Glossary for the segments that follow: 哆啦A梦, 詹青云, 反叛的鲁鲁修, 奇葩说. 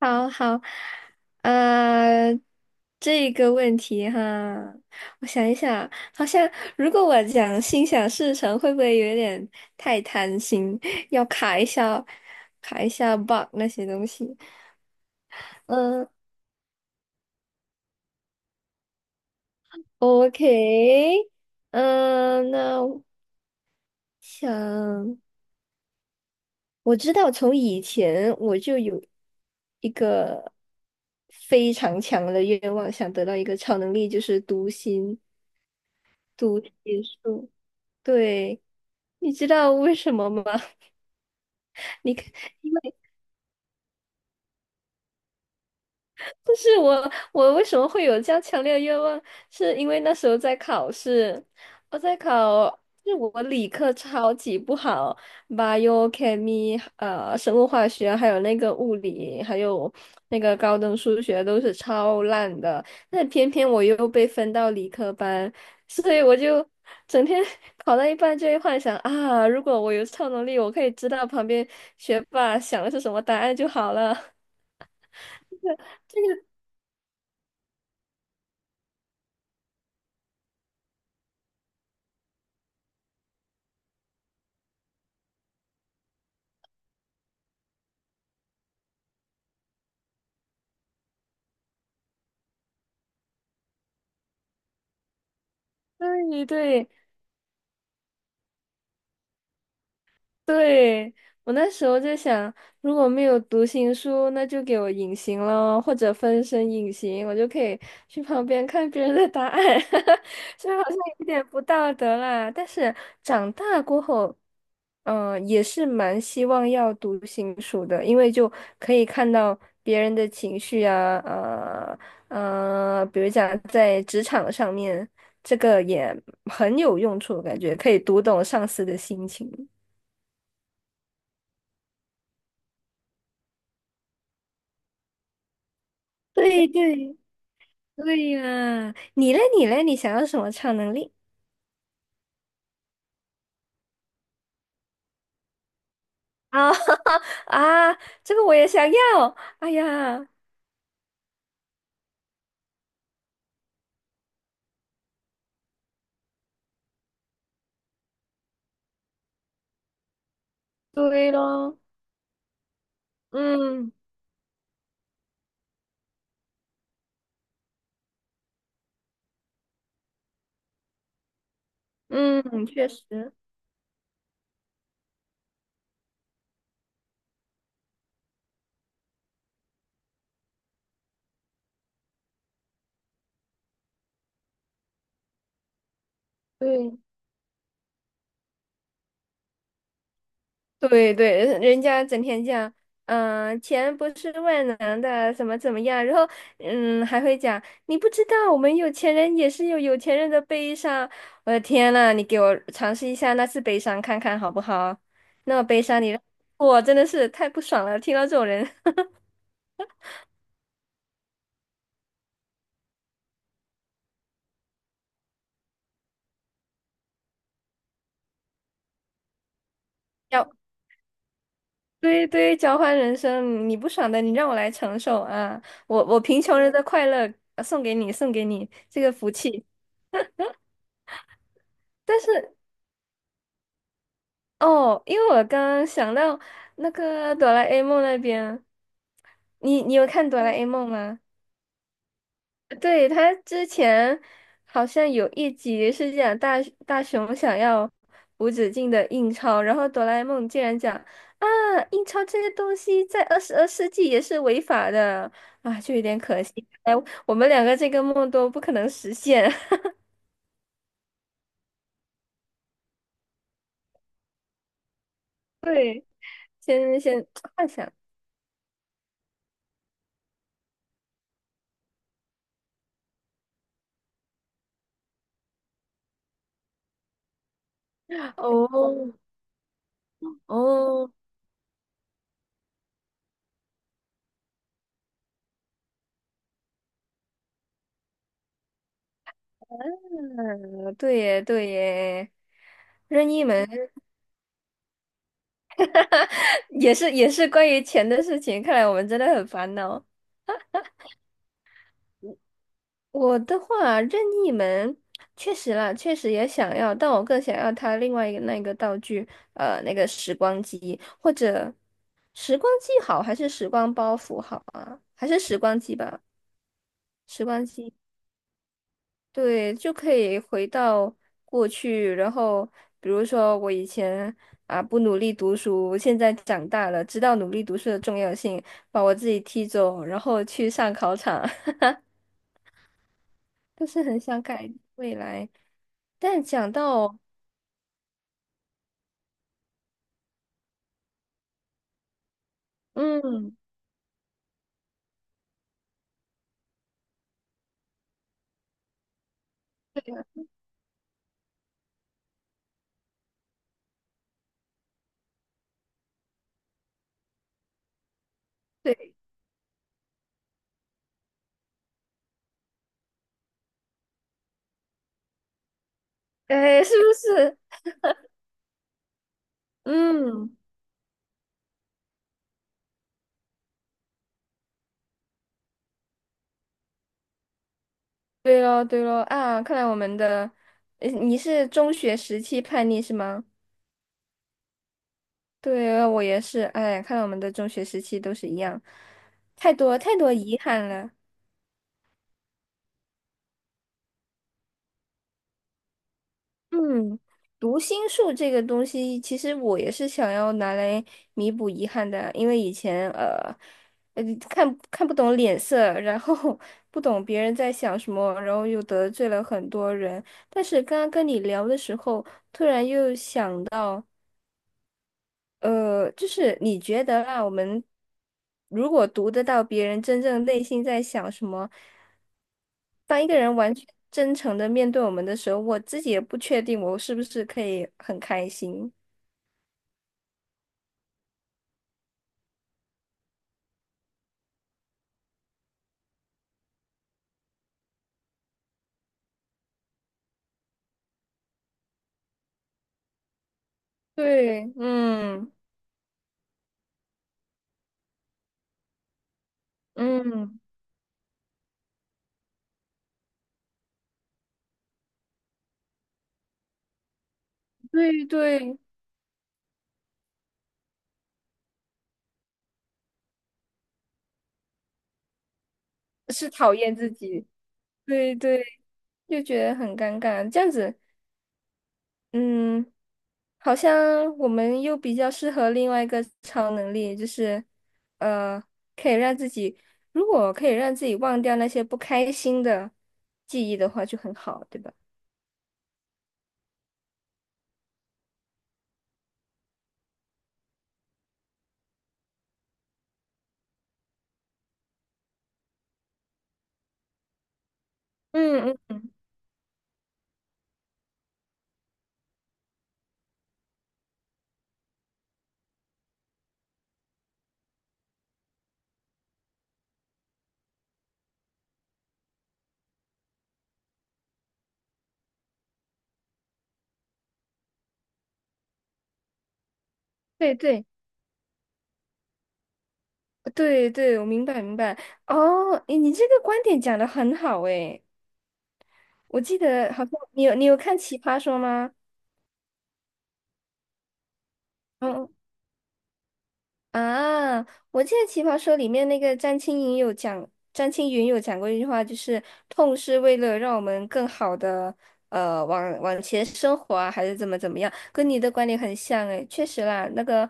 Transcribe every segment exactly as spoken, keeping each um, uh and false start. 好好，呃，这个问题哈，我想一想，好像如果我讲心想事成，会不会有点太贪心？要卡一下，卡一下 bug 那些东西。嗯，OK，嗯，那我想我知道从以前我就有一个非常强的愿望，想得到一个超能力，就是读心读心术。对，你知道为什么吗？你看，因不是我，我为什么会有这样强烈的愿望？是因为那时候在考试，我在考，就是我理科超级不好，bio、chemistry 呃，生物化学，还有那个物理，还有那个高等数学都是超烂的。那偏偏我又被分到理科班，所以我就整天 考到一半就会幻想啊，如果我有超能力，我可以知道旁边学霸想的是什么答案就好了。对对，对，我那时候就想，如果没有读心术，那就给我隐形了，或者分身隐形，我就可以去旁边看别人的答案。虽然好像有点不道德啦，但是长大过后，嗯、也是蛮希望要读心术的，因为就可以看到别人的情绪啊，呃呃，比如讲在职场上面，这个也很有用处，感觉可以读懂上司的心情。对 对对呀，你嘞你嘞，你想要什么超能力？啊 啊，这个我也想要。哎呀，对咯，嗯嗯，确实，对。对对，人家整天讲，嗯、钱不是万能的，怎么怎么样，然后，嗯，还会讲，你不知道，我们有钱人也是有有钱人的悲伤。我的天呐，你给我尝试一下那次悲伤看看好不好？那么悲伤你让我真的是太不爽了，听到这种人。交，对对，交换人生，你不爽的，你让我来承受啊！我我贫穷人的快乐呃送给你，送给你这个福气。但是。哦，因为我刚刚想到那个哆啦 A 梦那边，你你有看哆啦 A 梦吗？对，他之前好像有一集是讲大大雄想要无止境的印钞，然后哆啦 A 梦竟然讲啊，印钞这个东西在二十二世纪也是违法的，哎，我们两个这个梦都不可能实现。对，先先幻想。哦哦。嗯，对耶，对耶，任意门也是也是关于钱的事情，看来我们真的很烦恼。我的话，任意门确实啦，确实也想要，但我更想要它另外一个那个道具，呃，那个时光机或者时光机好，还是时光包袱好啊？还是时光机吧，时光机。对，就可以回到过去，然后比如说我以前啊不努力读书，现在长大了，知道努力读书的重要性，把我自己踢走，然后去上考场，就是很想改未来。但讲到，嗯，对，哎，是不是？嗯，对咯，对咯，啊，看来我们的，呃你是中学时期叛逆是吗？对，我也是，哎，看来我们的中学时期都是一样，太多太多遗憾了。嗯，读心术这个东西，其实我也是想要拿来弥补遗憾的，因为以前呃，呃看看不懂脸色，然后 不懂别人在想什么，然后又得罪了很多人。但是刚刚跟你聊的时候，突然又想到。呃，就是你觉得啊，我们如果读得到别人真正内心在想什么，当一个人完全真诚的面对我们的时候，我自己也不确定我是不是可以很开心。对，嗯嗯，对对，是讨厌自己，对对，就觉得很尴尬，这样子，嗯。好像我们又比较适合另外一个超能力，就是呃，可以让自己，如果可以让自己忘掉那些不开心的记忆的话，就很好，对吧？嗯嗯，对对对对，我明白明白。哦，你你这个观点讲的很好诶，我记得好像你有你有看《奇葩说》吗？嗯。啊，我记得《奇葩说》里面那个詹青云有讲，詹青云有讲，过一句话，就是痛是为了让我们更好的呃往往前生活啊，还是怎么怎么样，跟你的观点很像诶，确实啦，那个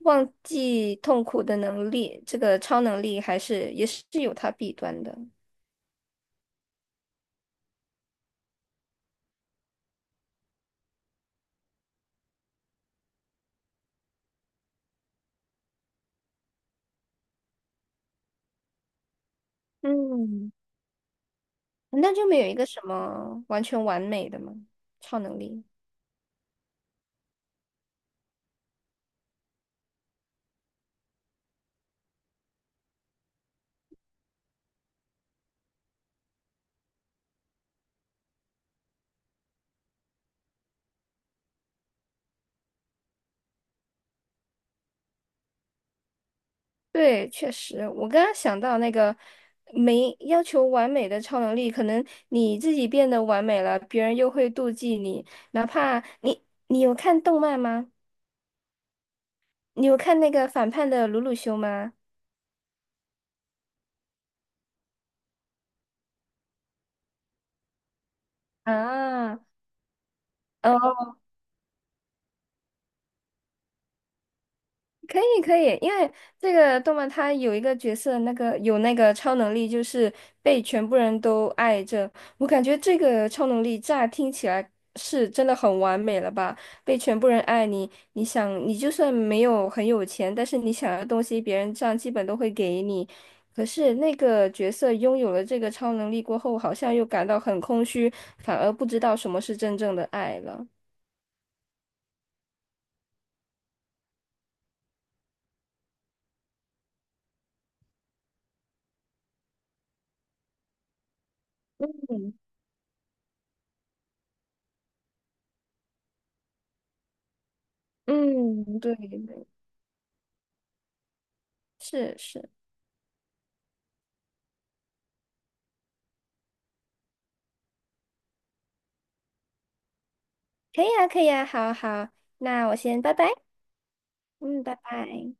忘记痛苦的能力，这个超能力还是也是有它弊端的。嗯，那就没有一个什么完全完美的嘛，超能力。对，确实，我刚刚想到那个没要求完美的超能力，可能你自己变得完美了，别人又会妒忌你。哪怕你，你有看动漫吗？你有看那个反叛的鲁鲁修吗？啊，哦，可以可以，因为这个动漫它有一个角色，那个有那个超能力，就是被全部人都爱着。我感觉这个超能力乍听起来是真的很完美了吧？被全部人爱你，你想你就算没有很有钱，但是你想要的东西，别人这样基本都会给你。可是那个角色拥有了这个超能力过后，好像又感到很空虚，反而不知道什么是真正的爱了。嗯嗯，对对，是是。可以啊，可以啊，好好，那我先拜拜，嗯，拜拜。